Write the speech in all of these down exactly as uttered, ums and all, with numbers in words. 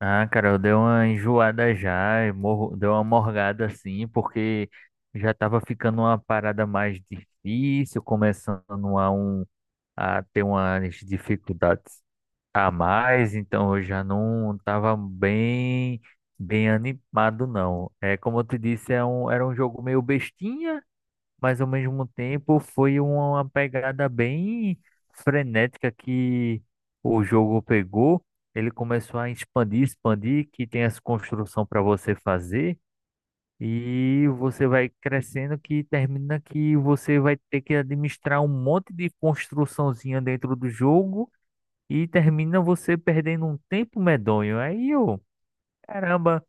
Ah, cara, eu dei uma enjoada já, eu morro, dei uma morgada assim, porque já tava ficando uma parada mais difícil, começando a, um, a ter umas dificuldades a mais, então eu já não tava bem, bem animado, não. É, como eu te disse, é um, era um jogo meio bestinha, mas ao mesmo tempo foi uma pegada bem frenética que o jogo pegou. Ele começou a expandir, expandir, que tem essa construção para você fazer e você vai crescendo que termina que você vai ter que administrar um monte de construçãozinha dentro do jogo e termina você perdendo um tempo medonho. Aí eu, caramba.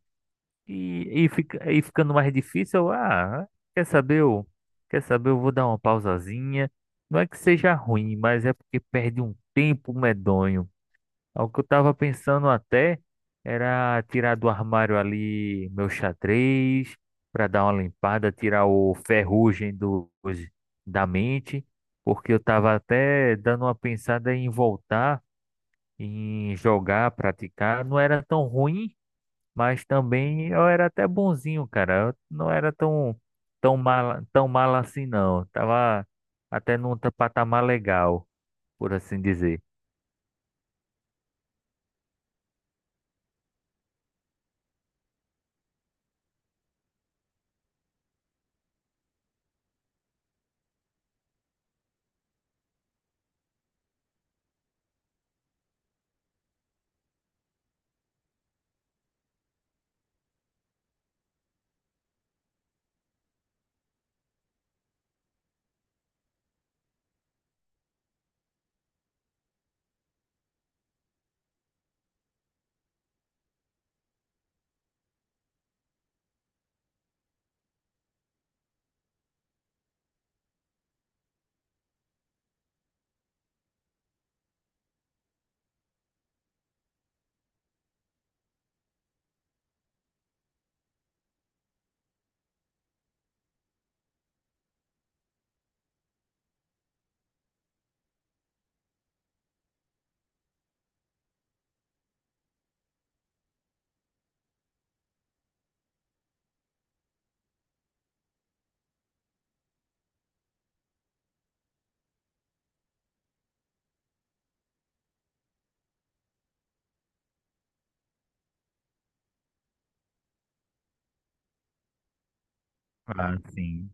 E, e, fica, e ficando mais difícil, eu, ah, quer saber, eu, quer saber, eu vou dar uma pausazinha. Não é que seja ruim, mas é porque perde um tempo medonho. É o que eu tava pensando até era tirar do armário ali meu xadrez, para dar uma limpada, tirar o ferrugem do, dos- da mente, porque eu tava até dando uma pensada em voltar, em jogar, praticar. Não era tão ruim, mas também eu era até bonzinho, cara. Eu não era tão, tão mal, tão mal assim, não. Tava até num ta- patamar legal, por assim dizer. Ah, sim.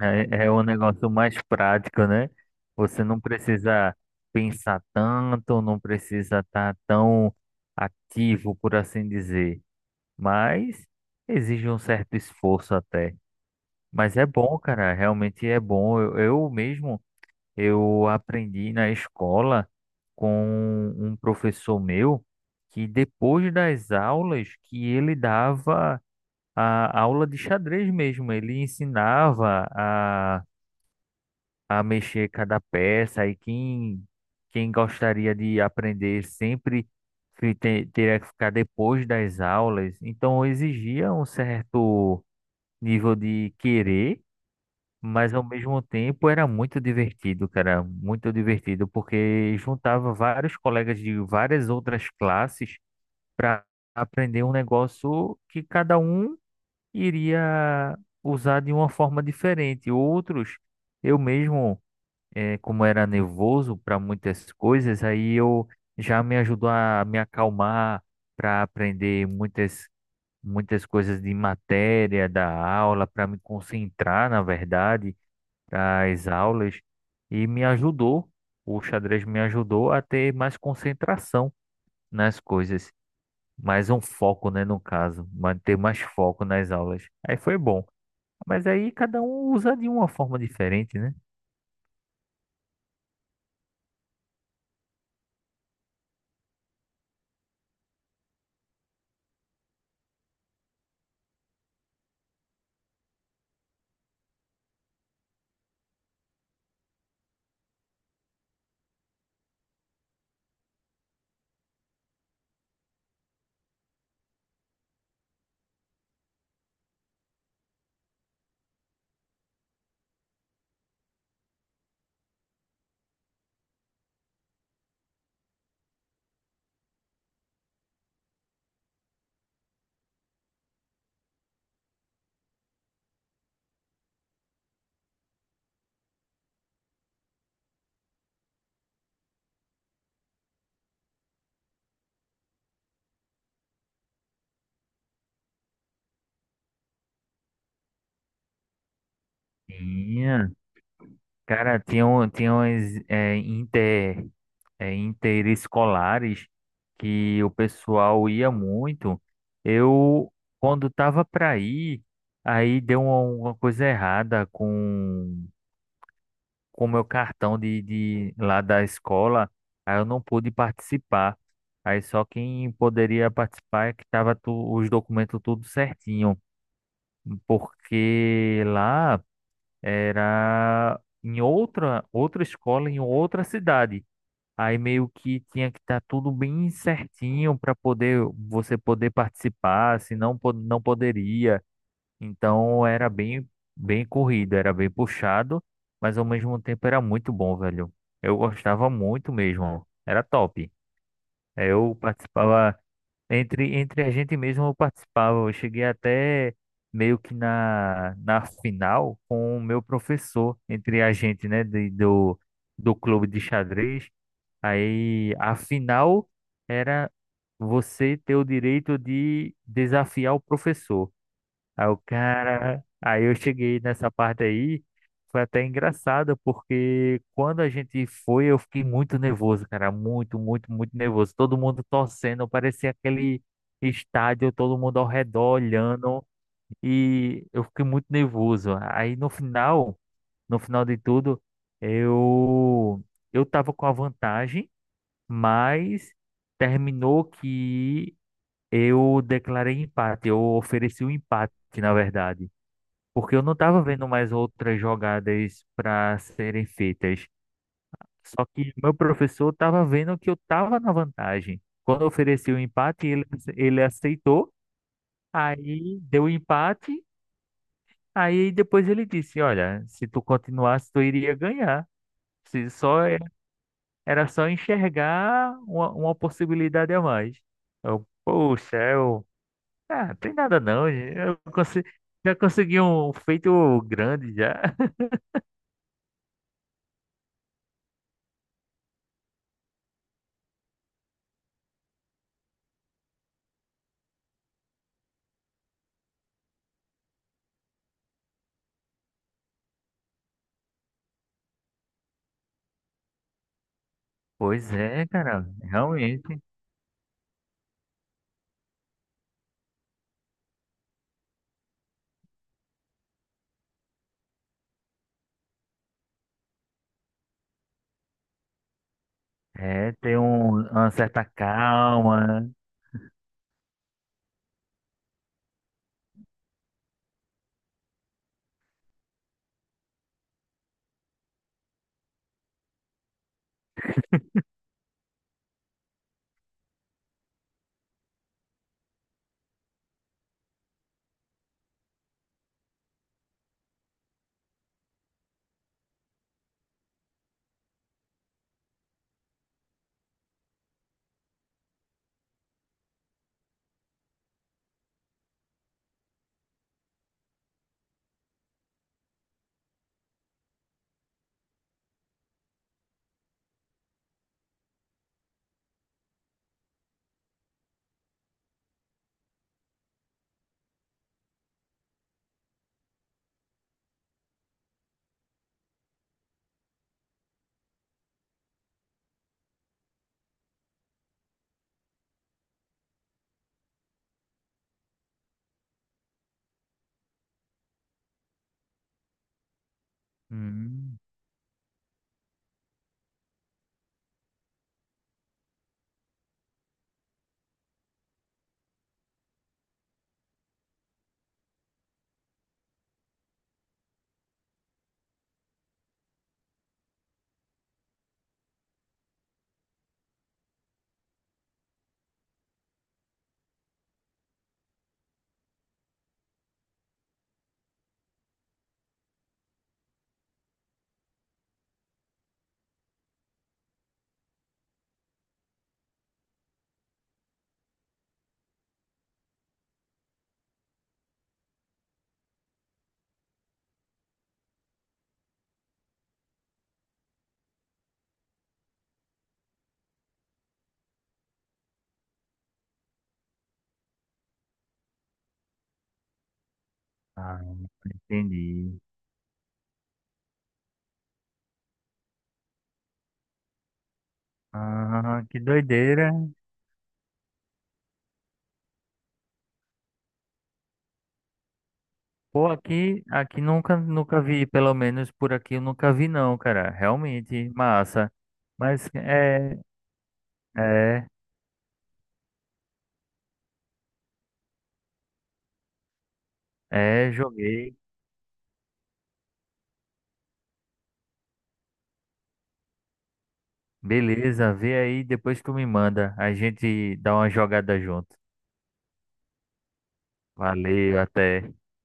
É, é um negócio mais prático, né? Você não precisa pensar tanto, não precisa estar tão ativo, por assim dizer. Mas exige um certo esforço até. Mas é bom, cara, realmente é bom. Eu, eu mesmo, eu aprendi na escola com um professor meu que depois das aulas que ele dava a aula de xadrez mesmo, ele ensinava a a mexer cada peça e quem, quem gostaria de aprender sempre fi- te- teria que ficar depois das aulas. Então exigia um certo nível de querer, mas ao mesmo tempo era muito divertido, cara, muito divertido, porque juntava vários colegas de várias outras classes para aprender um negócio que cada um iria usar de uma forma diferente. Outros, eu mesmo eh, como era nervoso para muitas coisas, aí eu já me ajudou a me acalmar para aprender muitas muitas coisas de matéria da aula, para me concentrar, na verdade, das aulas e me ajudou, o xadrez me ajudou a ter mais concentração nas coisas, mais um foco, né, no caso, manter mais foco nas aulas. Aí foi bom. Mas aí cada um usa de uma forma diferente, né? Sim, cara, tinha, um- tinha umas é, inter, é, interescolares que o pessoal ia muito. Eu, quando tava para ir, aí deu uma, uma coisa errada com com o meu cartão de, de lá da escola, aí eu não pude participar. Aí só quem poderia participar é que tava tu- os documentos tudo certinho, porque lá era em outra, outra escola, em outra cidade. Aí meio que tinha que estar tudo bem certinho para poder você poder participar, senão po- não poderia. Então era bem bem corrido, era bem puxado, mas ao mesmo tempo era muito bom, velho. Eu gostava muito mesmo. Era top. Eu participava entre, entre a gente mesmo eu participava. Eu cheguei até meio que na, na final com o meu professor, entre a gente, né, de- do, do clube de xadrez. Aí a final era você ter o direito de desafiar o professor. Aí o cara, aí eu cheguei nessa parte aí, foi até engraçado, porque quando a gente foi, eu fiquei muito nervoso, cara, muito, muito, muito nervoso. Todo mundo torcendo, parecia aquele estádio, todo mundo ao redor olhando, e eu fiquei muito nervoso. Aí no final, No final de tudo, eu eu tava com a vantagem, mas terminou que eu declarei empate, eu ofereci o empate, na verdade, porque eu não estava vendo mais outras jogadas para serem feitas. Só que meu professor estava vendo que eu estava na vantagem. Quando eu ofereci o empate, ele, ele aceitou, aí deu o empate, aí depois ele disse: Olha, se tu continuasse, tu iria ganhar. Se só é- Era só enxergar uma, uma possibilidade a mais. Eu, poxa, eu. Ah, tem nada não, eu consigo. Já consegui um feito grande já. Pois é, cara, realmente. É ter um, uma certa calma. Hum, ah, entendi. Ah, que doideira. Pô, aqui, aqui nunca, nunca vi, pelo menos por aqui eu nunca vi não, cara. Realmente, massa. Mas é, é, É, joguei. Beleza, vê aí, depois tu me manda. A gente dá uma jogada junto. Valeu, até.